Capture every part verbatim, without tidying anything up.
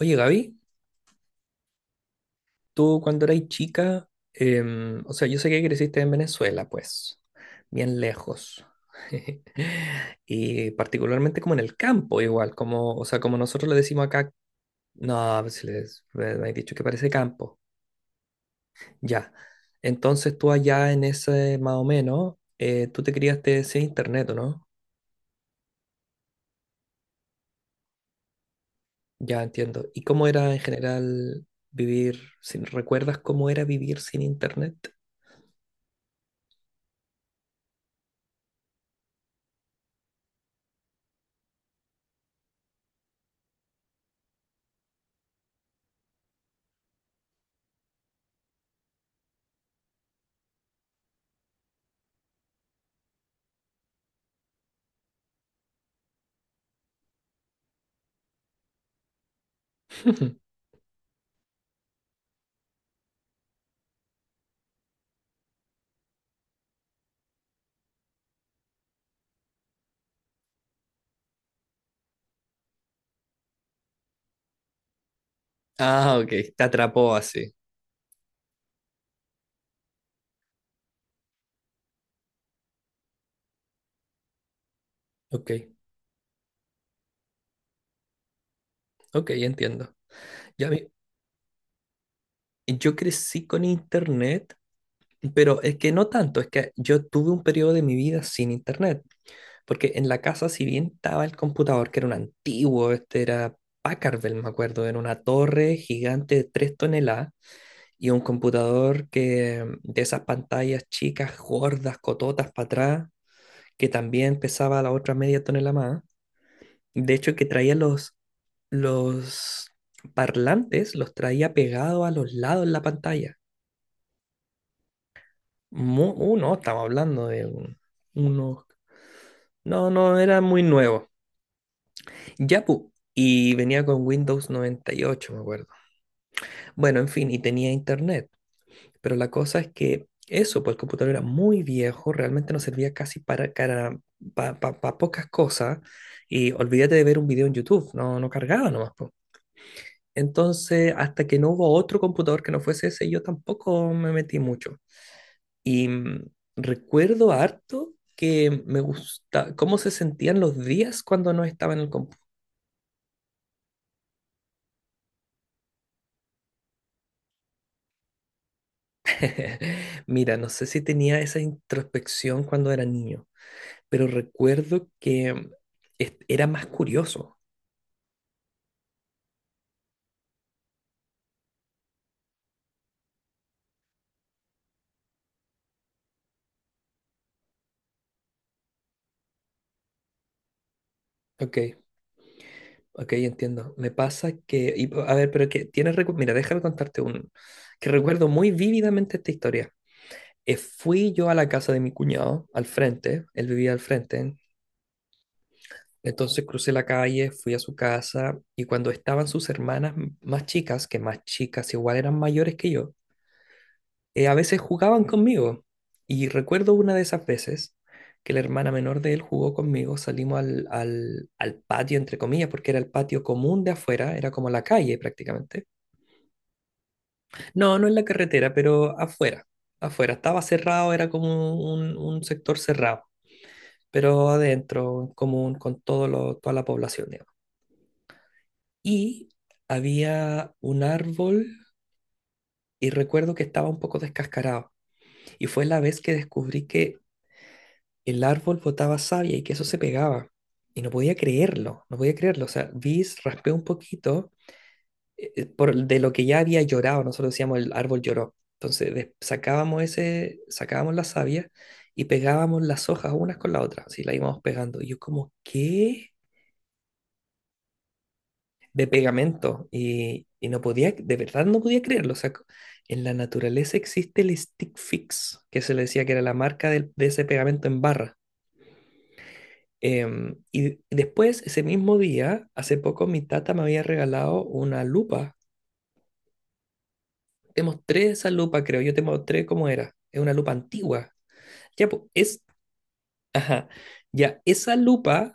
Oye, Gaby, tú cuando eras chica, em, o sea, yo sé que creciste en Venezuela, pues, bien lejos. Y particularmente como en el campo, igual, como, o sea, como nosotros le decimos acá, no, pues, si les, me me has dicho que parece campo, ya. Entonces tú allá en ese, más o menos, eh, tú te criaste sin internet, ¿o no? Ya entiendo. ¿Y cómo era en general vivir sin, recuerdas cómo era vivir sin internet? Ah, ok, te atrapó así. Ok, ok, entiendo. Ya vi- yo crecí con internet, pero es que no tanto, es que yo tuve un periodo de mi vida sin internet, porque en la casa, si bien estaba el computador, que era un antiguo, este era Packard Bell, me acuerdo, era una torre gigante de tres toneladas y un computador que mm, de esas pantallas chicas, gordas, cototas para atrás, que también pesaba la otra media tonelada más. De hecho, que traía los los parlantes los traía pegados a los lados de la pantalla. Mu- uh, no, estamos hablando de un- unos. No, no, era muy nuevo. Ya, pu, Y venía con Windows noventa y ocho, me acuerdo. Bueno, en fin, y tenía internet. Pero la cosa es que eso, pues el computador era muy viejo, realmente no servía casi para, para, pa- pa- pa pocas cosas. Y olvídate de ver un video en YouTube, no, no cargaba nomás, po. Entonces, hasta que no hubo otro computador que no fuese ese, yo tampoco me metí mucho. Y mm, recuerdo harto que me gusta cómo se sentían los días cuando no estaba en el computador. Mira, no sé si tenía esa introspección cuando era niño, pero recuerdo que mm, es- era más curioso. Ok, ok, entiendo. Me pasa que, y, a ver, pero que tienes, recu- mira, déjame contarte un, que recuerdo muy vívidamente esta historia. Eh, fui yo a la casa de mi cuñado, al frente, él vivía al frente, entonces crucé la calle, fui a su casa y cuando estaban sus hermanas m- más chicas, que más chicas igual eran mayores que yo, eh, a veces jugaban conmigo. Y recuerdo una de esas veces que la hermana menor de él jugó conmigo, salimos al, al, al patio, entre comillas, porque era el patio común de afuera, era como la calle prácticamente. No, no en la carretera, pero afuera, afuera, estaba cerrado, era como un un sector cerrado. Pero adentro, en común con todo lo- toda la población, digamos. Y había un árbol y recuerdo que estaba un poco descascarado. Y fue la vez que descubrí que el árbol botaba savia y que eso se pegaba. Y no podía creerlo, no podía creerlo. O sea, vi, raspé un poquito eh, eh, por, de lo que ya había llorado. Nosotros decíamos el árbol lloró. Entonces des- sacábamos ese, sacábamos la savia y pegábamos las hojas unas con la otra. Así la íbamos pegando. Y yo como, ¿qué? De pegamento y, y no podía, de verdad no podía creerlo. O sea, co- en la naturaleza existe el Stick Fix, que se le decía que era la marca del- de ese pegamento en barra. Em, y después, ese mismo día, hace poco mi tata me había regalado una lupa. Te mostré esa lupa, creo, yo te mostré cómo era. Es una lupa antigua. Ya, pues, es, ajá, ya, esa lupa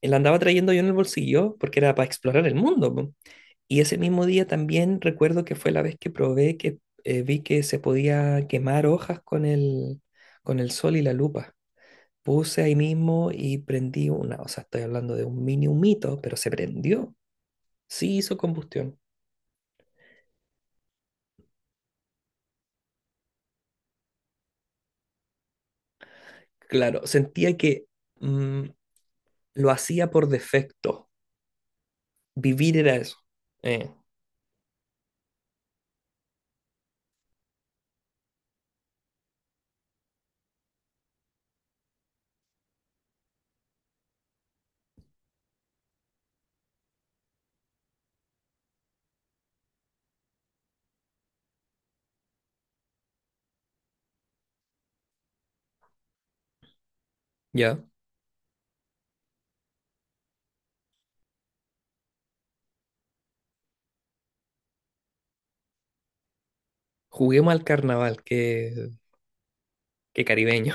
eh, la andaba trayendo yo en el bolsillo porque era para explorar el mundo, po. Y ese mismo día también recuerdo que fue la vez que probé que eh, vi que se podía quemar hojas con el, con el sol y la lupa. Puse ahí mismo y prendí una, o sea, estoy hablando de un mini humito, pero se prendió. Sí hizo combustión. Claro, sentía que mm, lo hacía por defecto. Vivir era eso. Eh, ya. Juguemos al carnaval, que, que caribeño.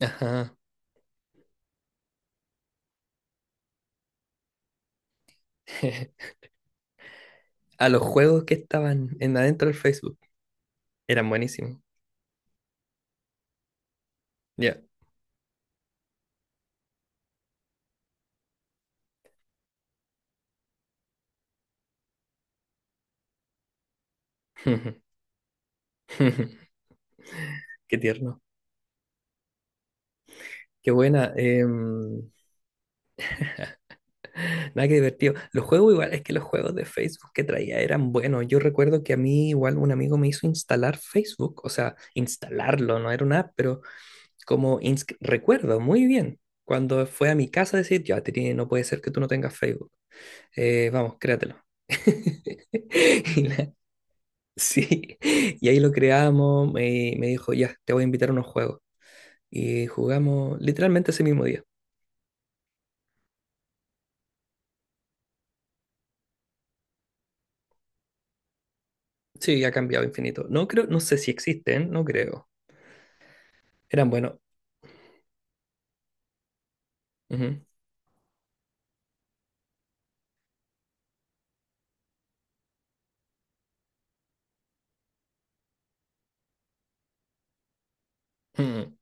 Ajá. A los juegos que estaban en adentro del Facebook. Eran buenísimos. Ya. Qué tierno. Qué buena. Em, nada, que divertido. Los juegos igual, es que los juegos de Facebook que traía eran buenos. Yo recuerdo que a mí igual un amigo me hizo instalar Facebook, o sea, instalarlo, no era una app, pero como ins- recuerdo muy bien cuando fue a mi casa a decir, ya, Trini, no puede ser que tú no tengas Facebook. Eh, vamos, créatelo. Y la- sí, y ahí lo creamos, me, me dijo, ya, te voy a invitar a unos juegos. Y jugamos literalmente ese mismo día. Sí, ha cambiado infinito. No creo, no sé si existen, no creo. Eran buenos. Ujú. Mm.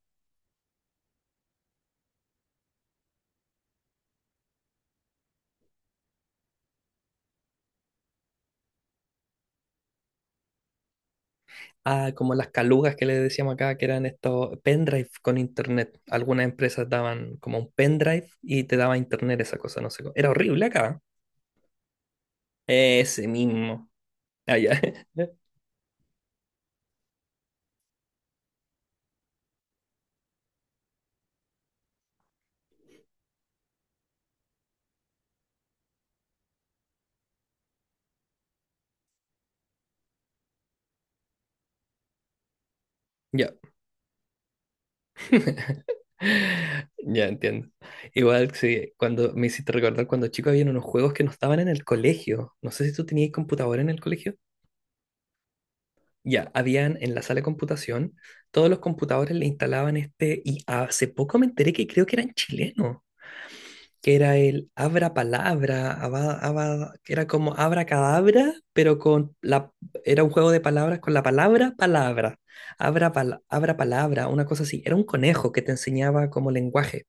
Ah, como las calugas que le decíamos acá, que eran estos pendrive con internet. Algunas empresas daban como un pendrive y te daba internet esa cosa, no sé cómo. Era horrible acá. Ese mismo. Ah, ya. Ya. Ya entiendo. Igual sí, cuando me hiciste recordar cuando chico había unos juegos que no estaban en el colegio. No sé si tú tenías computadora en el colegio. Ya, habían en la sala de computación, todos los computadores le instalaban este, y hace poco me enteré que creo que eran chilenos, que era el abra palabra, aba- aba- que era como abra cadabra, pero con la, era un juego de palabras con la palabra palabra, abra, pala- abra palabra, una cosa así, era un conejo que te enseñaba como lenguaje.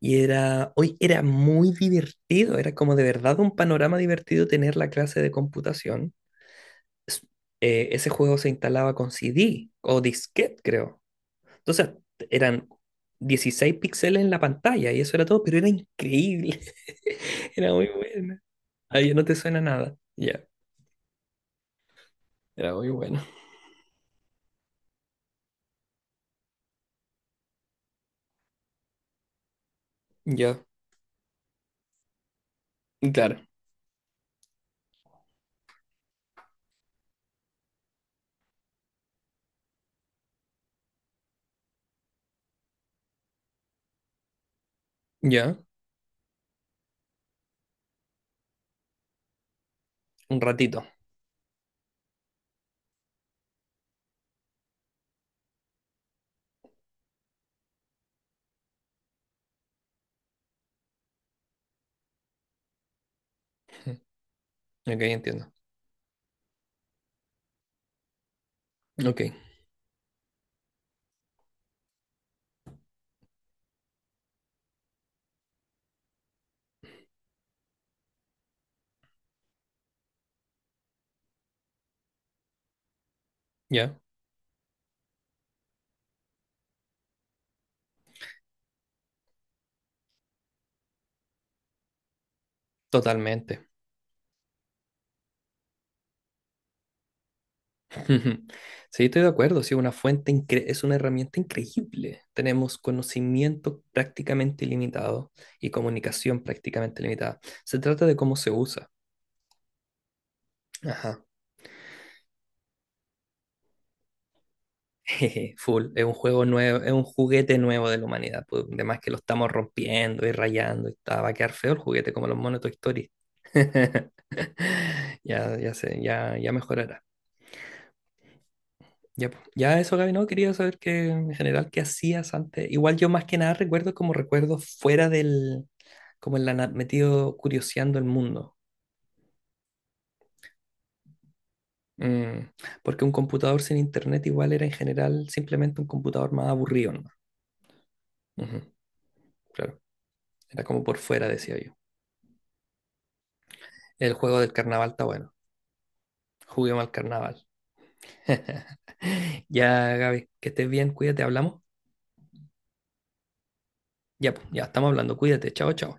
Y era, hoy era muy divertido, era como de verdad un panorama divertido tener la clase de computación s- eh, ese juego se instalaba con C D o disquete, creo. Entonces eran dieciséis píxeles en la pantalla y eso era todo, pero era increíble. Era muy bueno. Ahí no te suena nada. Ya, era muy bueno. Ya, claro. Ya, un ratito. Ok, entiendo. Ok, ya, totalmente. Ujú. Sí, estoy de acuerdo, sí, una fuente incre- es una herramienta increíble. Tenemos conocimiento prácticamente ilimitado y comunicación prácticamente limitada. Se trata de cómo se usa. Ajá. Jeje, full, es un juego nuevo, es un juguete nuevo de la humanidad, pues, además que lo estamos rompiendo y rayando y está, va a quedar feo el juguete como los monos de Toy Story. Ya, ya sé, ya, ya mejorará. Ya, po, ya, eso, Gaby, no, quería saber que en general qué hacías antes. Igual yo más que nada recuerdo como recuerdos fuera del, como en la, na- metido curioseando el mundo. Mm, Porque un computador sin internet igual era en general simplemente un computador más aburrido, ¿no? Ujú, claro, era como por fuera, decía yo. El juego del carnaval está bueno. Juguemos al carnaval. Ya, Gaby, que estés bien, cuídate, hablamos. Ya, pues, ya estamos hablando, cuídate, chao, chao.